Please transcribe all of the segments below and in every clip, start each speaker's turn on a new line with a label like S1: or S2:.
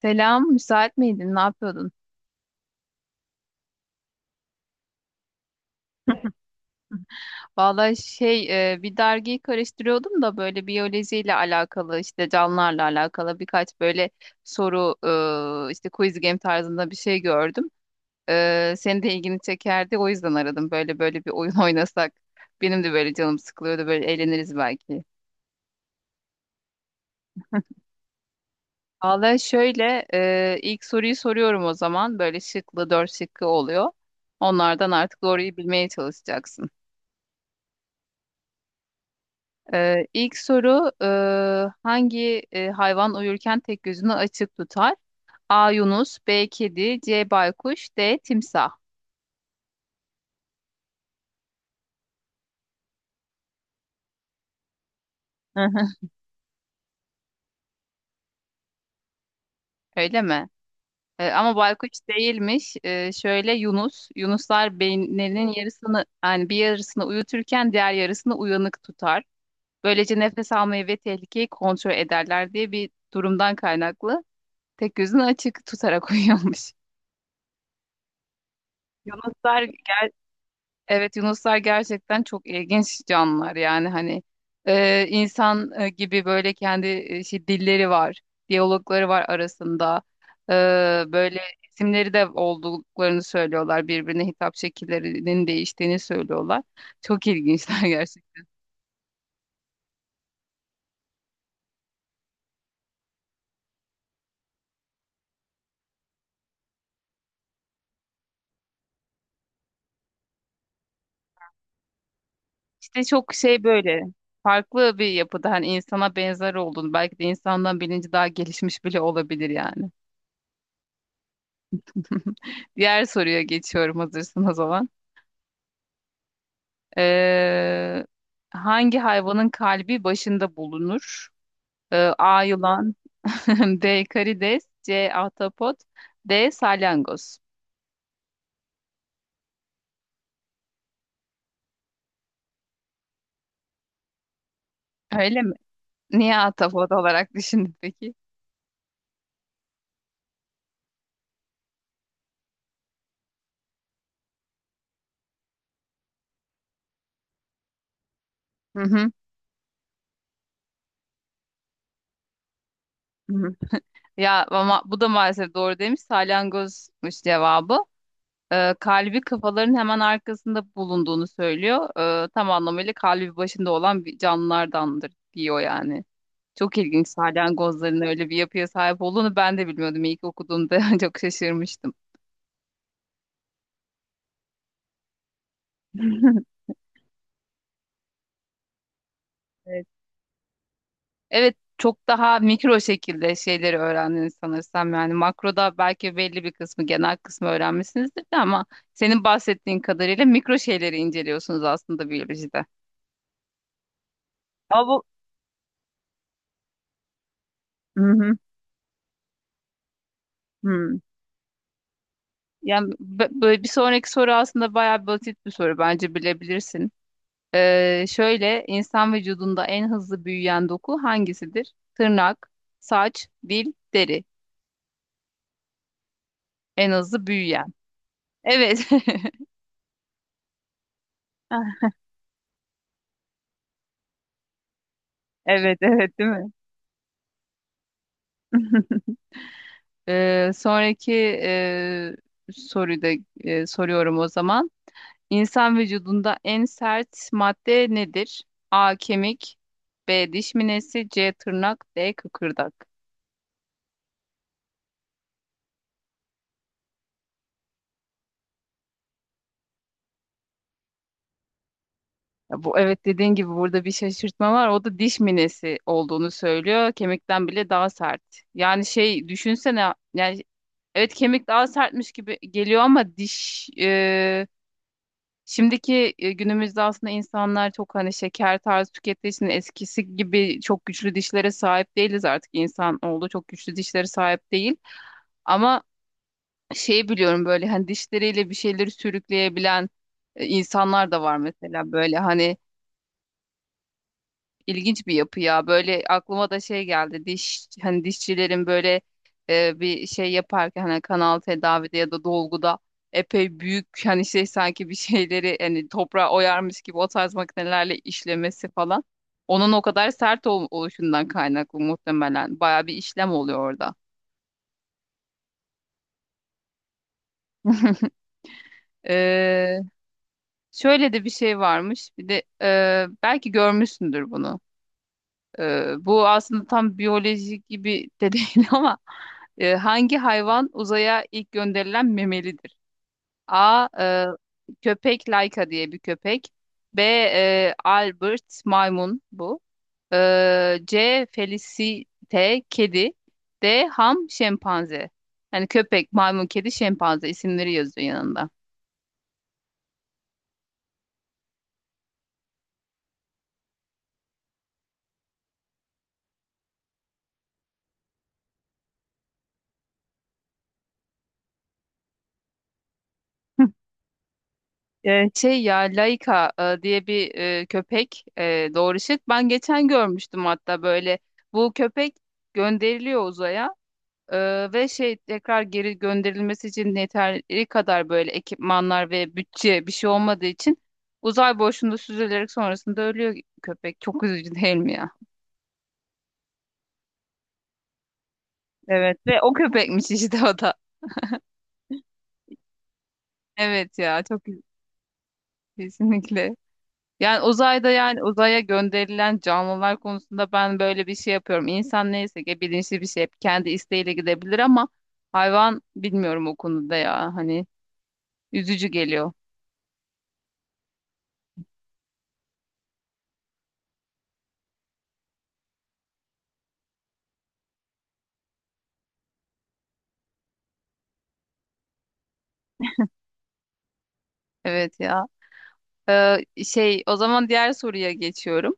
S1: Selam, müsait miydin? Ne yapıyordun? Vallahi şey, bir dergiyi karıştırıyordum da böyle biyolojiyle alakalı, işte canlılarla alakalı birkaç böyle soru, işte quiz game tarzında bir şey gördüm. Senin de ilgini çekerdi, o yüzden aradım. Böyle bir oyun oynasak, benim de böyle canım sıkılıyordu, böyle eğleniriz belki. Vallahi şöyle, ilk soruyu soruyorum o zaman. Böyle şıklı, dört şıkkı oluyor. Onlardan artık doğruyu bilmeye çalışacaksın. İlk soru hangi hayvan uyurken tek gözünü açık tutar? A. Yunus, B. Kedi, C. Baykuş, D. Timsah. Hı hı. Öyle mi? Ama baykuş değilmiş. Şöyle Yunus, Yunuslar beyinlerinin yarısını, yani bir yarısını uyuturken diğer yarısını uyanık tutar. Böylece nefes almayı ve tehlikeyi kontrol ederler diye bir durumdan kaynaklı tek gözünü açık tutarak uyuyormuş. Yunuslar, evet yunuslar gerçekten çok ilginç canlılar yani hani insan gibi böyle kendi dilleri var, diyalogları var arasında. E, Böyle isimleri de olduklarını söylüyorlar. Birbirine hitap şekillerinin değiştiğini söylüyorlar. Çok ilginçler gerçekten. İşte çok şey böyle farklı bir yapıda, hani insana benzer olduğunu, belki de insandan bilinci daha gelişmiş bile olabilir yani. Diğer soruya geçiyorum hazırsanız o zaman. Ee, Hangi hayvanın kalbi başında bulunur? A. Yılan B. Karides, C. Ahtapot, D. Salyangoz. Öyle mi? Niye ahtapot olarak düşündün peki? Hı hı. Hı hı. Ya ama bu da maalesef doğru demiş. Salyangozmuş cevabı. Kalbi kafaların hemen arkasında bulunduğunu söylüyor. Tam anlamıyla kalbi başında olan bir canlılardandır diyor yani. Çok ilginç, salyangozların öyle bir yapıya sahip olduğunu ben de bilmiyordum. İlk okuduğumda çok şaşırmıştım. Evet. Evet, çok daha mikro şekilde şeyleri öğrendiniz sanırsam. Yani makroda belki belli bir kısmı, genel kısmı öğrenmişsinizdir de, ama senin bahsettiğin kadarıyla mikro şeyleri inceliyorsunuz aslında biyolojide. Ama bu. Hı hı. Hı. Yani böyle bir sonraki soru aslında bayağı basit bir soru, bence bilebilirsin. Şöyle insan vücudunda en hızlı büyüyen doku hangisidir? Tırnak, saç, dil, deri. En hızlı büyüyen. Evet. Evet, evet, değil mi? Sonraki e, soruyu da soruyorum o zaman. İnsan vücudunda en sert madde nedir? A. Kemik, B. Diş minesi, C. Tırnak, D. Kıkırdak. Ya bu, evet dediğin gibi burada bir şaşırtma var. O da diş minesi olduğunu söylüyor. Kemikten bile daha sert. Yani şey düşünsene yani, evet kemik daha sertmiş gibi geliyor ama diş, günümüzde aslında insanlar çok hani şeker tarzı tükettiği için eskisi gibi çok güçlü dişlere sahip değiliz, artık insan oldu çok güçlü dişlere sahip değil. Ama şey biliyorum, böyle hani dişleriyle bir şeyleri sürükleyebilen insanlar da var mesela, böyle hani. İlginç bir yapı ya. Böyle aklıma da şey geldi. Diş, hani dişçilerin böyle bir şey yaparken hani kanal tedavide ya da dolguda epey büyük, hani şey sanki bir şeyleri hani toprağa oyarmış gibi o tarz makinelerle işlemesi falan. Onun o kadar sert oluşundan kaynaklı muhtemelen. Baya bir işlem oluyor orada. Ee, Şöyle de bir şey varmış. Bir de belki görmüşsündür bunu. Bu aslında tam biyolojik gibi de değil ama hangi hayvan uzaya ilk gönderilen memelidir? A. Köpek Laika, diye bir köpek. B. Albert maymun, bu. C. Felicite kedi. D. Ham şempanze. Yani köpek, maymun, kedi, şempanze isimleri yazıyor yanında. Hı. Şey ya, Laika diye bir köpek, doğrışık. Ben geçen görmüştüm hatta böyle. Bu köpek gönderiliyor uzaya. Ve şey tekrar geri gönderilmesi için yeteri kadar böyle ekipmanlar ve bütçe bir şey olmadığı için uzay boşluğunda süzülerek sonrasında ölüyor köpek. Çok üzücü değil mi ya? Evet ve o köpekmiş işte o da. Evet ya çok kesinlikle. Yani uzayda, yani uzaya gönderilen canlılar konusunda ben böyle bir şey yapıyorum. İnsan neyse ki bilinçli bir şey, hep kendi isteğiyle gidebilir ama hayvan bilmiyorum o konuda ya, hani üzücü geliyor. Evet ya. Ee, Şey o zaman diğer soruya geçiyorum.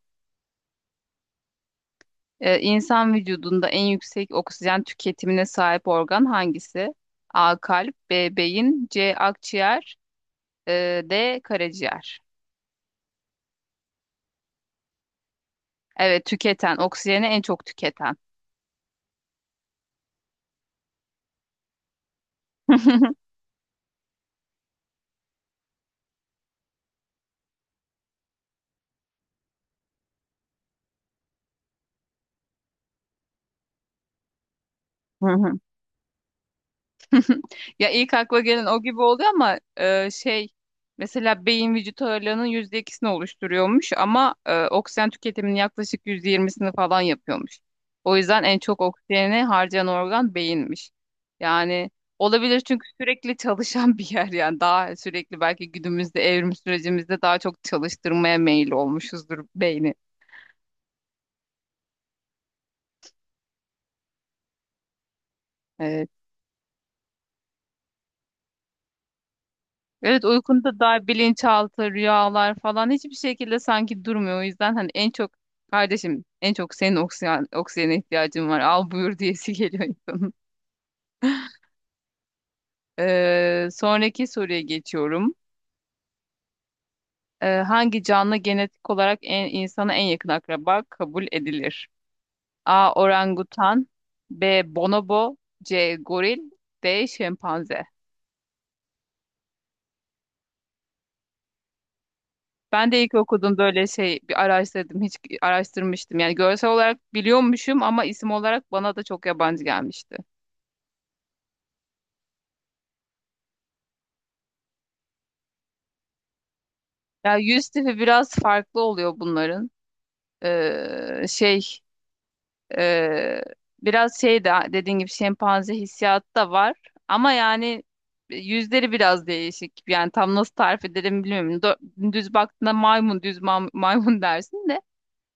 S1: İnsan vücudunda en yüksek oksijen tüketimine sahip organ hangisi? A. Kalp, B. Beyin, C. Akciğer, D. Karaciğer. Evet, tüketen, oksijeni en çok tüketen. Ya ilk akla gelen o gibi oluyor ama mesela beyin vücut ağırlığının yüzde ikisini oluşturuyormuş ama oksijen tüketiminin yaklaşık yüzde yirmisini falan yapıyormuş. O yüzden en çok oksijeni harcayan organ beyinmiş. Yani olabilir, çünkü sürekli çalışan bir yer yani, daha sürekli belki günümüzde evrim sürecimizde daha çok çalıştırmaya meyil olmuşuzdur beyni. E, Evet uykunda dair bilinçaltı, rüyalar falan hiçbir şekilde sanki durmuyor. O yüzden hani en çok kardeşim en çok senin oksijen, oksijene ihtiyacın var. Al buyur, diyesi geliyor insanın. Sonraki soruya geçiyorum. Hangi canlı genetik olarak en, insana en yakın akraba kabul edilir? A. Orangutan, B. Bonobo, C. Goril, D. Şempanze. Ben de ilk okudum, böyle şey bir araştırdım, hiç araştırmıştım. Yani görsel olarak biliyormuşum ama isim olarak bana da çok yabancı gelmişti. Ya yüz tipi biraz farklı oluyor bunların. Ee, şey e, biraz şey de dediğin gibi şempanze hissiyatı da var. Ama yani yüzleri biraz değişik. Yani tam nasıl tarif ederim bilmiyorum. Düz baktığında maymun, maymun dersin de.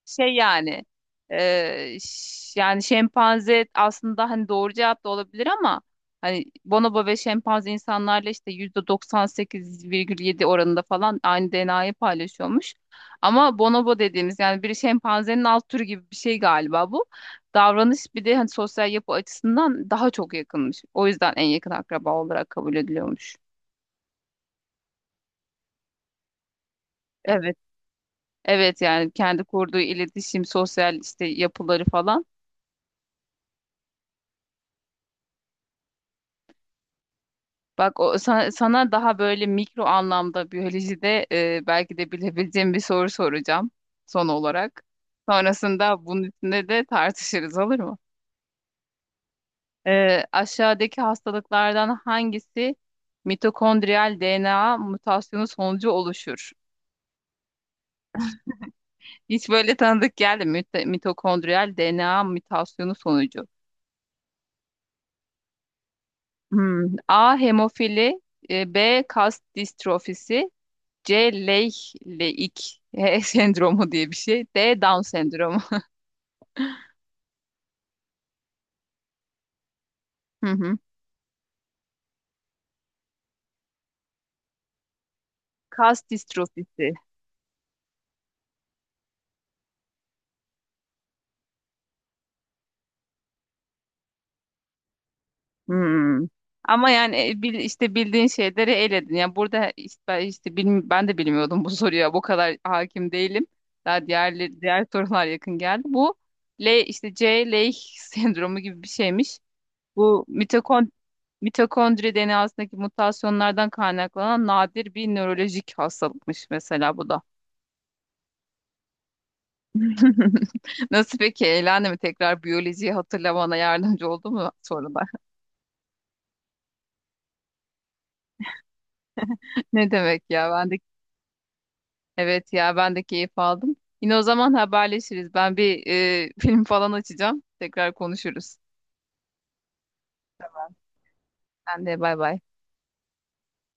S1: Şey yani yani şempanze aslında hani doğru cevap da olabilir ama hani bonobo ve şempanze insanlarla işte %98,7 oranında falan aynı DNA'yı paylaşıyormuş. Ama bonobo dediğimiz yani bir şempanzenin alt türü gibi bir şey galiba bu. Davranış bir de hani sosyal yapı açısından daha çok yakınmış. O yüzden en yakın akraba olarak kabul ediliyormuş. Evet. Evet yani kendi kurduğu iletişim, sosyal işte yapıları falan. Bak o, sana daha böyle mikro anlamda biyolojide belki de bilebileceğim bir soru soracağım son olarak. Sonrasında bunun üstünde de tartışırız, olur mu? Aşağıdaki hastalıklardan hangisi mitokondriyal DNA mutasyonu sonucu oluşur? Hiç böyle tanıdık geldi mi? Mitokondriyal DNA mutasyonu sonucu. Hmm. A. Hemofili, B. Kas distrofisi, C. Leig sendromu diye bir şey. D. Down sendromu. Hı hı. Kas distrofisi. Hmm. Ama yani işte bildiğin şeyleri eledin. Yani burada işte, ben işte ben de bilmiyordum bu soruya. Bu kadar hakim değilim. Daha diğer diğer sorular yakın geldi. Bu L işte C Leigh sendromu gibi bir şeymiş. Bu mitokondri DNA'sındaki mutasyonlardan kaynaklanan nadir bir nörolojik hastalıkmış mesela bu da. Nasıl peki? Eğlendi mi? Tekrar biyolojiyi hatırlamana yardımcı oldu mu sorular? Ne demek ya? Ben de, evet ya ben de keyif aldım. Yine o zaman haberleşiriz. Ben bir film falan açacağım. Tekrar konuşuruz. Sen de bay bay.